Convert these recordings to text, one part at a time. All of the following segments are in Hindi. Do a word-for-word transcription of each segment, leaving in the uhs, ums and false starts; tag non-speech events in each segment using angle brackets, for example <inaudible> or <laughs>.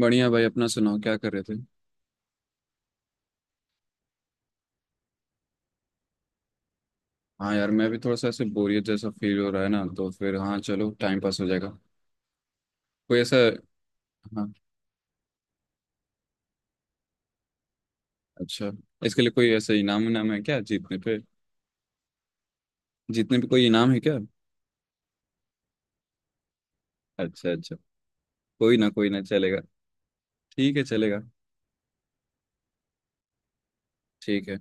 बढ़िया भाई। अपना सुनाओ क्या कर रहे थे। हाँ यार, मैं भी थोड़ा सा ऐसे बोरियत जैसा फील हो रहा है ना, तो फिर हाँ चलो टाइम पास हो जाएगा। कोई ऐसा। हाँ। अच्छा। इसके लिए कोई ऐसा इनाम इनाम है क्या जीतने पे? जीतने पे कोई इनाम है क्या? अच्छा अच्छा। कोई ना, कोई ना चलेगा। ठीक है चलेगा। ठीक है।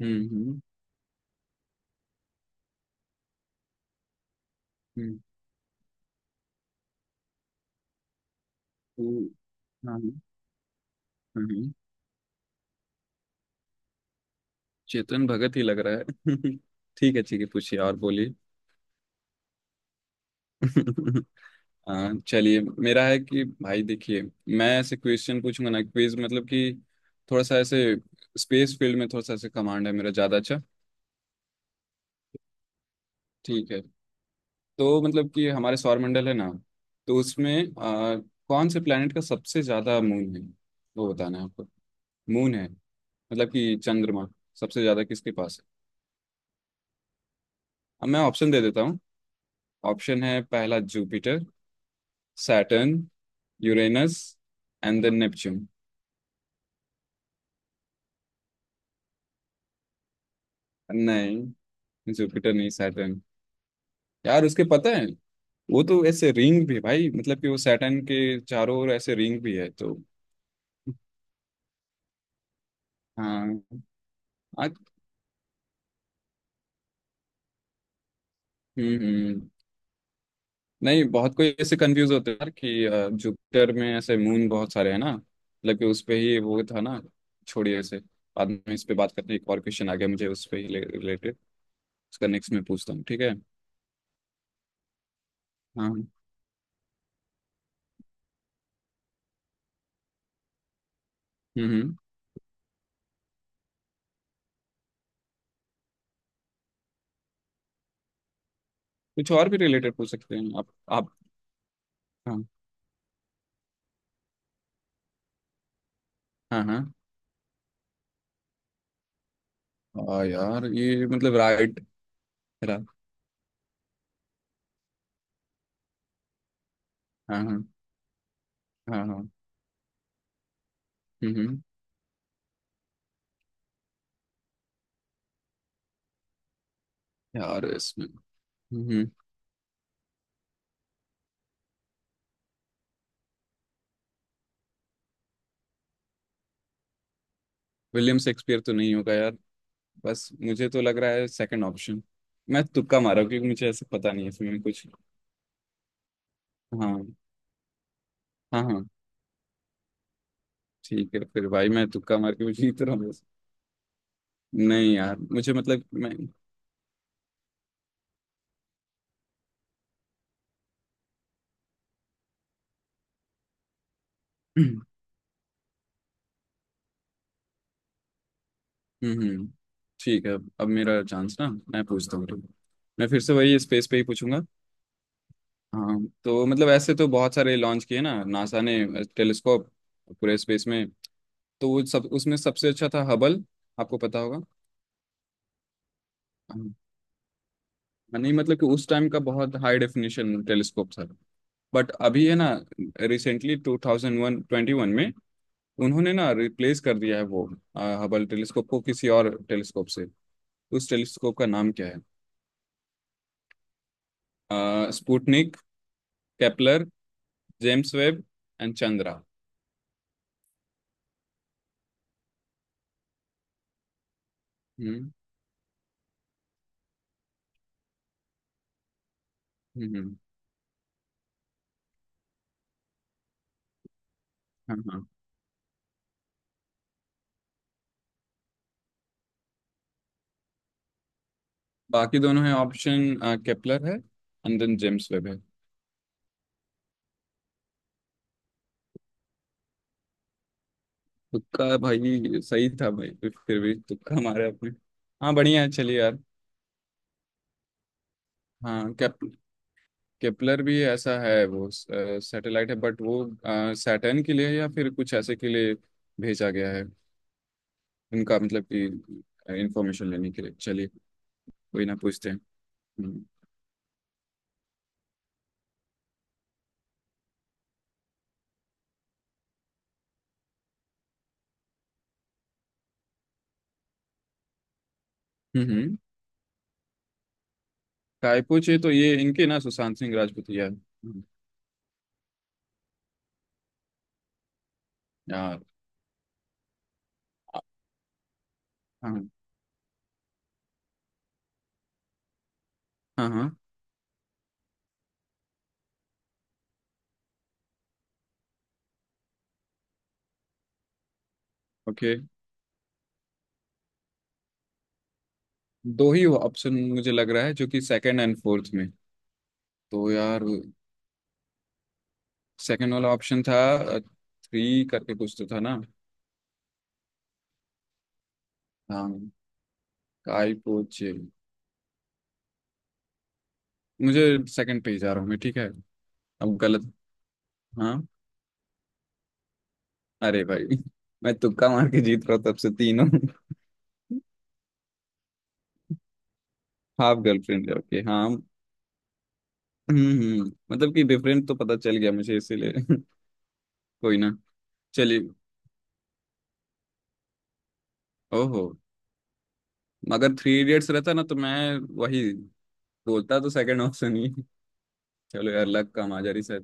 हम्म, हम्म, हम्म। तो- हाँ हाँ, हाँ, हाँ। चेतन भगत ही लग रहा है। <laughs> ठीक है ठीक है, पूछिए और बोलिए। <laughs> हाँ चलिए। मेरा है कि भाई देखिए, मैं ऐसे क्वेश्चन पूछूंगा ना क्विज मतलब कि थोड़ा सा ऐसे स्पेस फील्ड में थोड़ा सा ऐसे कमांड है मेरा ज़्यादा अच्छा। ठीक है। तो मतलब कि हमारे सौरमंडल है ना, तो उसमें आ, कौन से प्लेनेट का सबसे ज़्यादा मून है, वो बताना है आपको। मून है। मतलब कि चंद्रमा सबसे ज़्यादा किसके पास है। अब मैं ऑप्शन दे देता हूँ। ऑप्शन है, पहला Jupiter, Saturn, Uranus and then Neptune. नहीं। जुपिटर नहीं, सैटर्न। यार उसके पता है, वो तो ऐसे रिंग भी है भाई, मतलब कि वो सैटर्न के चारों ओर ऐसे रिंग भी है तो। हाँ। आ- हम्म हम्म। नहीं, बहुत कोई ऐसे कंफ्यूज होते हैं यार कि अ, जुपिटर में ऐसे मून बहुत सारे हैं ना, मतलब कि उस पे ही वो था ना। छोड़िए ऐसे। बाद में इस पे बात करते हैं, एक और क्वेश्चन आ गया मुझे उस पे ही रिलेटेड। उसका नेक्स्ट मैं पूछता हूँ, ठीक है? हाँ। हम्म। हम्म। कुछ और भी रिलेटेड पूछ सकते हैं आप। आप। हाँ। हाँ हाँ। हाँ यार ये मतलब राइट। रा, हाँ हाँ। हाँ हाँ। हम्म हम्म। यार इसमें। हम्म। विलियम शेक्सपियर तो नहीं होगा यार। बस मुझे तो लग रहा है सेकंड ऑप्शन। मैं तुक्का मारा हूं, क्योंकि मुझे ऐसे पता नहीं है इसमें कुछ। हाँ। हाँ हाँ। ठीक है फिर भाई, मैं तुक्का मार के भी जीत रहा हूँ। नहीं यार मुझे मतलब मैं। हम्म हम्म। ठीक है। अब मेरा चांस ना, मैं पूछता हूँ तुम। मैं फिर से वही स्पेस पे ही पूछूंगा। हाँ। तो मतलब ऐसे तो बहुत सारे लॉन्च किए ना नासा ने टेलीस्कोप पूरे स्पेस में। तो वो सब उसमें सबसे अच्छा था हबल। आपको पता होगा। हाँ, नहीं मतलब कि उस टाइम का बहुत हाई डेफिनेशन टेलीस्कोप था। बट अभी है ना, recently two thousand one twenty one में उन्होंने ना रिप्लेस कर दिया है वो हबल टेलीस्कोप को किसी और टेलीस्कोप से। उस टेलीस्कोप का नाम क्या है? Sputnik, Kepler, James Webb and Chandra. हम्म, हम्म, हम्म। हाँ हाँ। बाकी दोनों हैं ऑप्शन, केपलर है एंड देन जेम्स वेब है। तुक्का भाई सही था, भाई फिर भी तुक्का मारे आपने। हाँ बढ़िया है चलिए यार। हाँ। केपलर भी ऐसा है, वो सैटेलाइट है बट वो सैटर्न के लिए या फिर कुछ ऐसे के लिए भेजा गया है। उनका मतलब कि इंफॉर्मेशन लेने के लिए। चलिए। कोई ना, पूछते हैं। हम्म हम्म। कायपोचे तो ये इनके ना सुशांत सिंह राजपूत यार। हम्म। यार। हाँ हाँ हाँ। ओके। दो ही ऑप्शन मुझे लग रहा है, जो कि सेकंड एंड फोर्थ में। तो यार सेकंड वाला ऑप्शन था थ्री करके कुछ तो था ना। हाँ। कायपोचे। मुझे। सेकंड पे ही जा रहा हूँ मैं, ठीक है। अब गलत। हाँ। अरे भाई, मैं तुक्का मार के जीत रहा था तब से तीनों। हाफ गर्लफ्रेंड है। ओके। हाँ। हम्म हम्म। मतलब कि बेफ्रेंड तो पता चल गया मुझे इसीलिए। <laughs> कोई ना। चलिए। ओहो। मगर थ्री इडियट्स रहता ना तो मैं वही बोलता तो सेकंड ऑप्शन ही। चलो यार, लक का माजरी सर।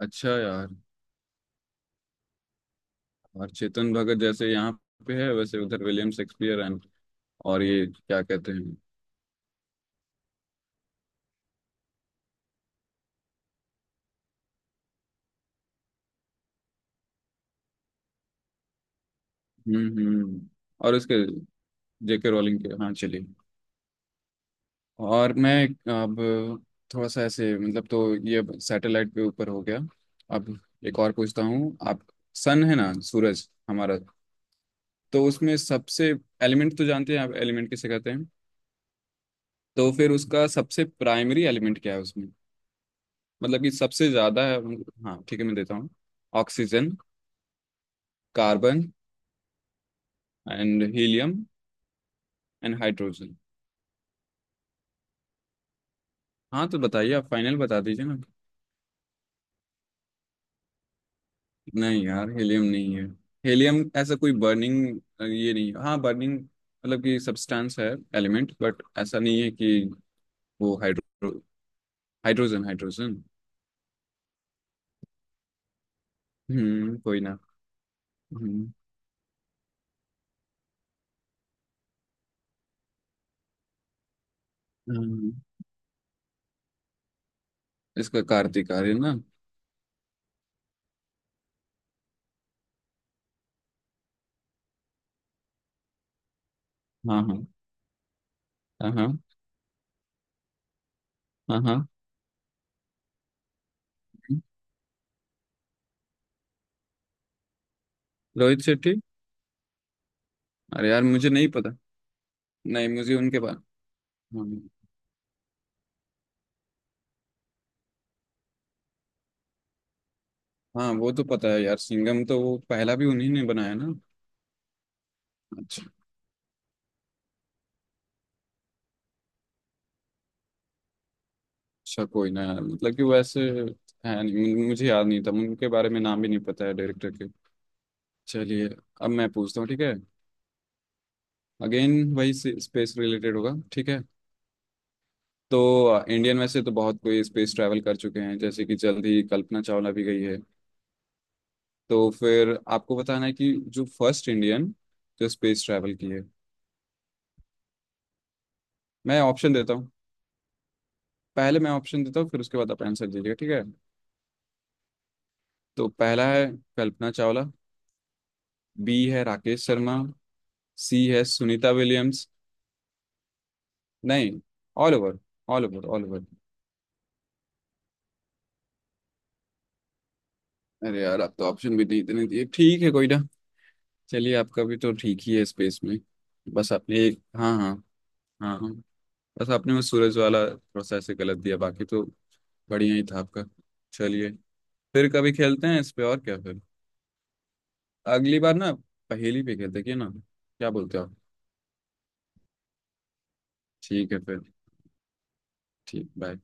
अच्छा यार। और चेतन भगत जैसे यहाँ पे है, वैसे उधर विलियम शेक्सपियर एंड और ये क्या कहते हैं। हम्म हम्म। और उसके जे के रोलिंग के। हाँ चलिए। और मैं अब थोड़ा सा ऐसे मतलब, तो ये सैटेलाइट के ऊपर हो गया। अब एक और पूछता हूँ आप। सन है ना सूरज हमारा। तो उसमें सबसे एलिमेंट तो जानते हैं आप, एलिमेंट किसे कहते हैं। तो फिर उसका सबसे प्राइमरी एलिमेंट क्या है उसमें, मतलब कि सबसे ज़्यादा है। हाँ ठीक है मैं देता हूँ। Oxygen, carbon and helium and hydrogen. हाँ तो बताइए आप फाइनल बता दीजिए ना। नहीं यार हीलियम नहीं है। हीलियम ऐसा कोई बर्निंग ये नहीं है, हाँ बर्निंग मतलब कि सब्सटेंस है एलिमेंट, बट ऐसा नहीं है कि। वो हाइड्रो हाइड्रोजन हाइड्रोजन। हम्म, कोई ना। हम्म हम्म। इसका कार्तिक आर्य ना। हाँ हाँ। हाँ हाँ। हाँ हाँ। रोहित शेट्टी। अरे यार मुझे नहीं पता। नहीं मुझे उनके बारे। हाँ। हाँ वो तो पता है यार, सिंघम तो वो पहला भी उन्हीं ने बनाया ना। अच्छा। अच्छा कोई ना यार, मतलब कि वैसे है नहीं मु- मुझे याद नहीं था उनके बारे में, नाम भी नहीं पता है डायरेक्टर के। चलिए। अब मैं पूछता हूँ, ठीक है। अगेन वही स्पेस रिलेटेड होगा, ठीक है। तो इंडियन में से तो बहुत कोई स्पेस ट्रैवल कर चुके हैं, जैसे कि जल्द ही कल्पना चावला भी गई है। तो फिर आपको बताना है कि जो फर्स्ट इंडियन जो स्पेस ट्रैवल की है। मैं ऑप्शन देता हूँ, पहले मैं ऑप्शन देता हूँ फिर उसके बाद आप आंसर दीजिएगा, ठीक है। तो पहला है कल्पना चावला, बी है राकेश शर्मा, सी है सुनीता विलियम्स। नहीं। All over. All over all over. अरे यार, आप तो ऑप्शन भी नहीं इतने दिए, ठीक है कोई ना। चलिए आपका भी तो ठीक ही है स्पेस में। बस आपने एक, हाँ हाँ। हाँ हाँ। बस आपने वो सूरज वाला थोड़ा सा ऐसे गलत दिया बाकी तो बढ़िया ही था आपका। चलिए। फिर कभी खेलते हैं इस पे और क्या फिर। अगली बार ना पहेली पे खेलते हैं, क्या ना। क्या बोलते हो आप? ठीक है फिर। ठीक, बाय।